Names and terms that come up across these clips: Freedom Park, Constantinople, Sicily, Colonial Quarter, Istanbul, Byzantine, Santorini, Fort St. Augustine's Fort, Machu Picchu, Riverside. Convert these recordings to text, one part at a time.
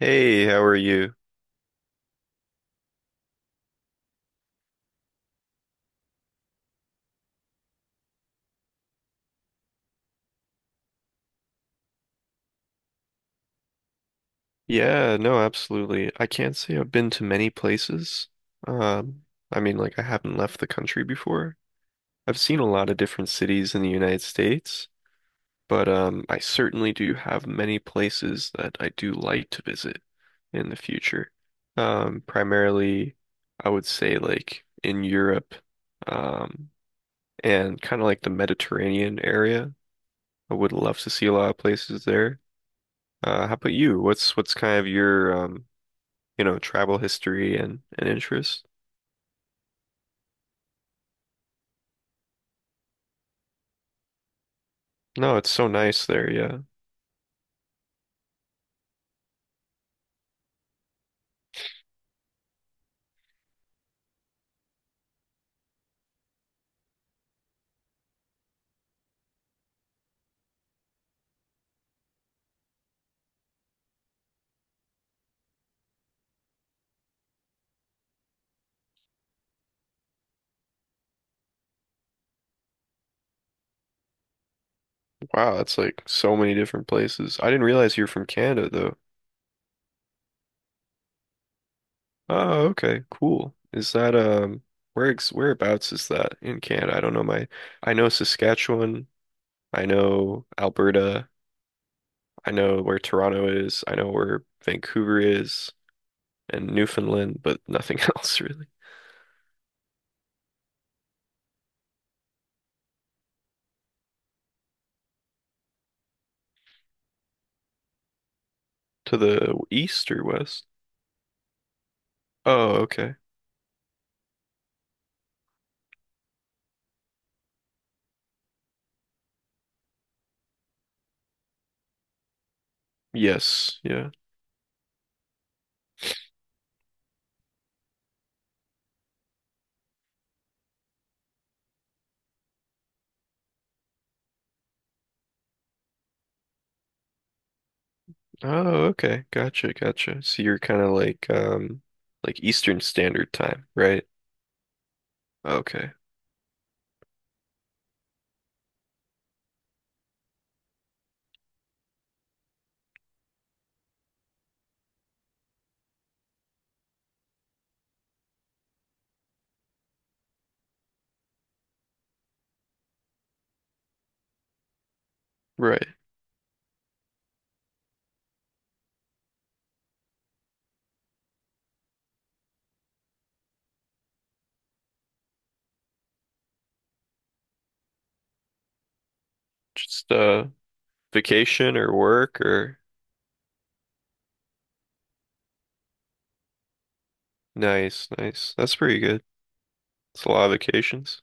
Hey, how are you? Yeah, no, absolutely. I can't say I've been to many places. Um, I mean, like I haven't left the country before. I've seen a lot of different cities in the United States, but I certainly do have many places that I do like to visit in the future. Primarily, I would say like in Europe, um, and kind of like the Mediterranean area. I would love to see a lot of places there. How about you? What's kind of your travel history and interest. No, it's so nice there. Yeah. Wow, it's like so many different places. I didn't realize you're from Canada though. Oh, okay, cool. Is that where ex whereabouts is that in Canada? I don't know my I know Saskatchewan, I know Alberta, I know where Toronto is, I know where Vancouver is and Newfoundland, but nothing else really. To the east or west? Oh, okay. Yes, yeah. Oh, okay. Gotcha, gotcha. So you're kind of like Eastern Standard Time, right? Okay. Right. Just vacation or work or nice, nice. That's pretty good. It's a lot of vacations.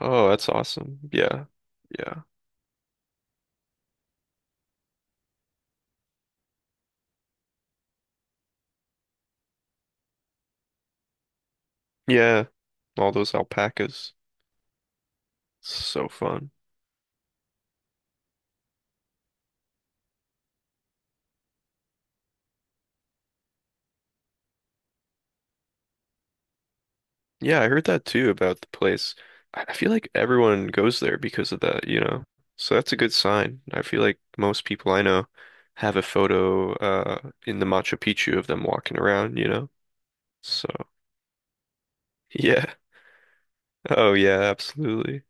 Oh, that's awesome. Yeah. Yeah. Yeah. All those alpacas. So fun. Yeah, I heard that too about the place. I feel like everyone goes there because of that. So that's a good sign. I feel like most people I know have a photo in the Machu Picchu of them walking around, So, yeah. Oh yeah, absolutely.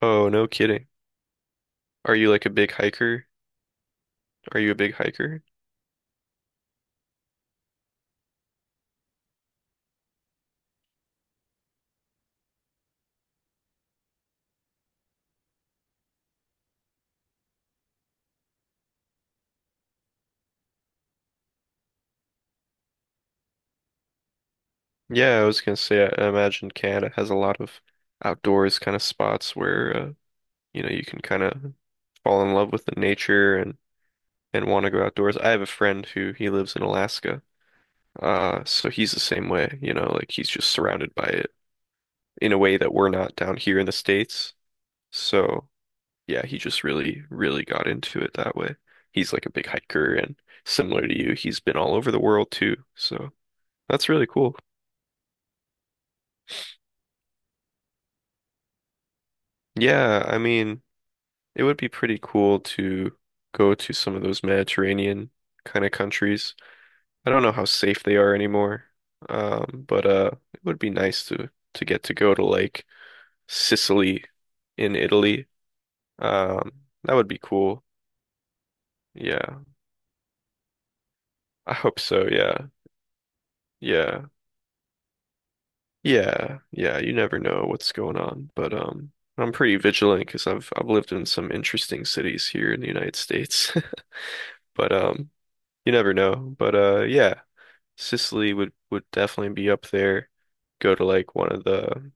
Oh, no kidding. Are you like a big hiker? Are you a big hiker? Yeah, I was gonna say I imagine Canada has a lot of outdoors kind of spots where you can kind of fall in love with the nature and want to go outdoors. I have a friend who he lives in Alaska. So he's the same way, you know, like he's just surrounded by it in a way that we're not down here in the States. So yeah, he just really, really got into it that way. He's like a big hiker and similar to you, he's been all over the world too. So that's really cool. Yeah, I mean, it would be pretty cool to go to some of those Mediterranean kind of countries. I don't know how safe they are anymore. But it would be nice to get to go to like Sicily in Italy. That would be cool. Yeah. I hope so. Yeah. Yeah. Yeah. Yeah, you never know what's going on, but I'm pretty vigilant because I 'cause I've lived in some interesting cities here in the United States. But you never know. But yeah, Sicily would definitely be up there. Go to like one of the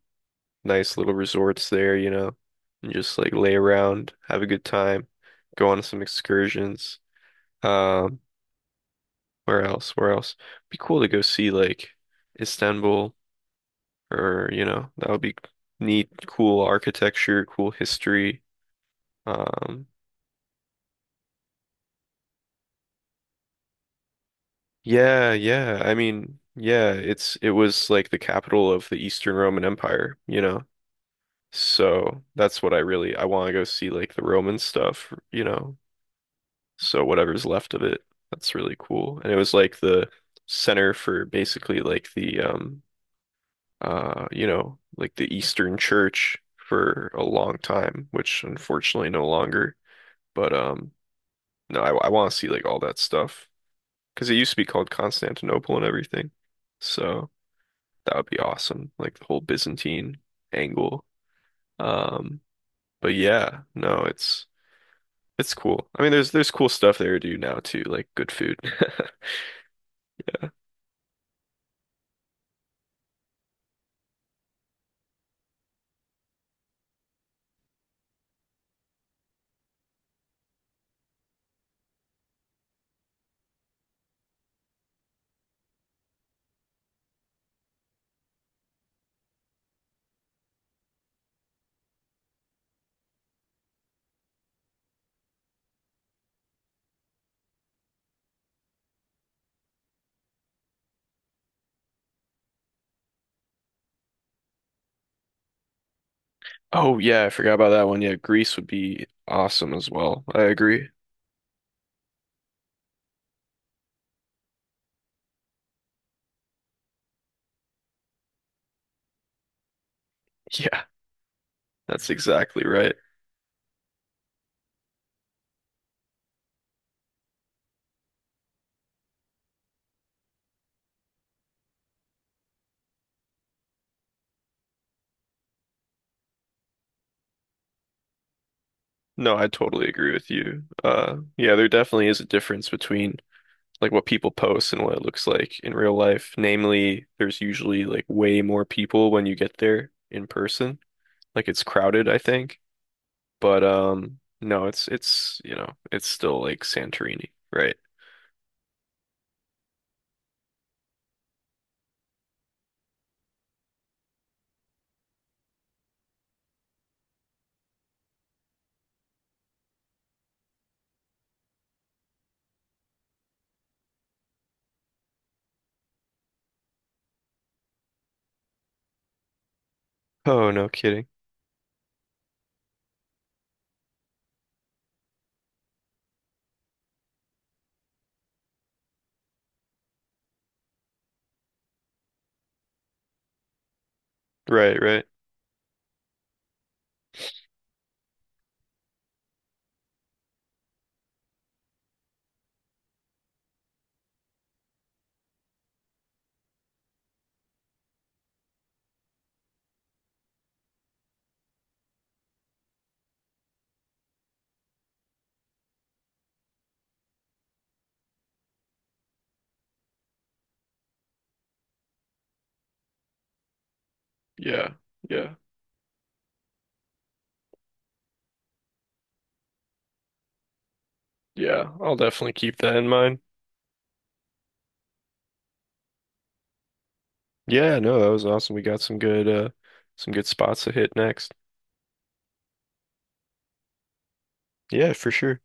nice little resorts there, you know, and just like lay around, have a good time, go on some excursions. Um, where else? Where else? Be cool to go see like Istanbul or, you know, that would be neat, cool architecture, cool history. Um, yeah. I mean, yeah, it was like the capital of the Eastern Roman Empire, you know. So that's what I want to go see like the Roman stuff, you know. So whatever's left of it, that's really cool. And it was like the center for basically like the you know, like the Eastern Church for a long time, which unfortunately no longer. But no, I want to see like all that stuff because it used to be called Constantinople and everything. So that would be awesome, like the whole Byzantine angle. Um but yeah, no, it's cool. I mean, there's cool stuff there to do now too, like good food. Oh yeah, I forgot about that one. Yeah, Greece would be awesome as well. I agree. Yeah, that's exactly right. No, I totally agree with you. Yeah, there definitely is a difference between like what people post and what it looks like in real life. Namely, there's usually like way more people when you get there in person. Like it's crowded, I think. But no, it's, you know, it's still like Santorini, right? Oh, no kidding. Right, right. Yeah. Yeah. Yeah, I'll definitely keep that in mind. Yeah, no, that was awesome. We got some good spots to hit next. Yeah, for sure.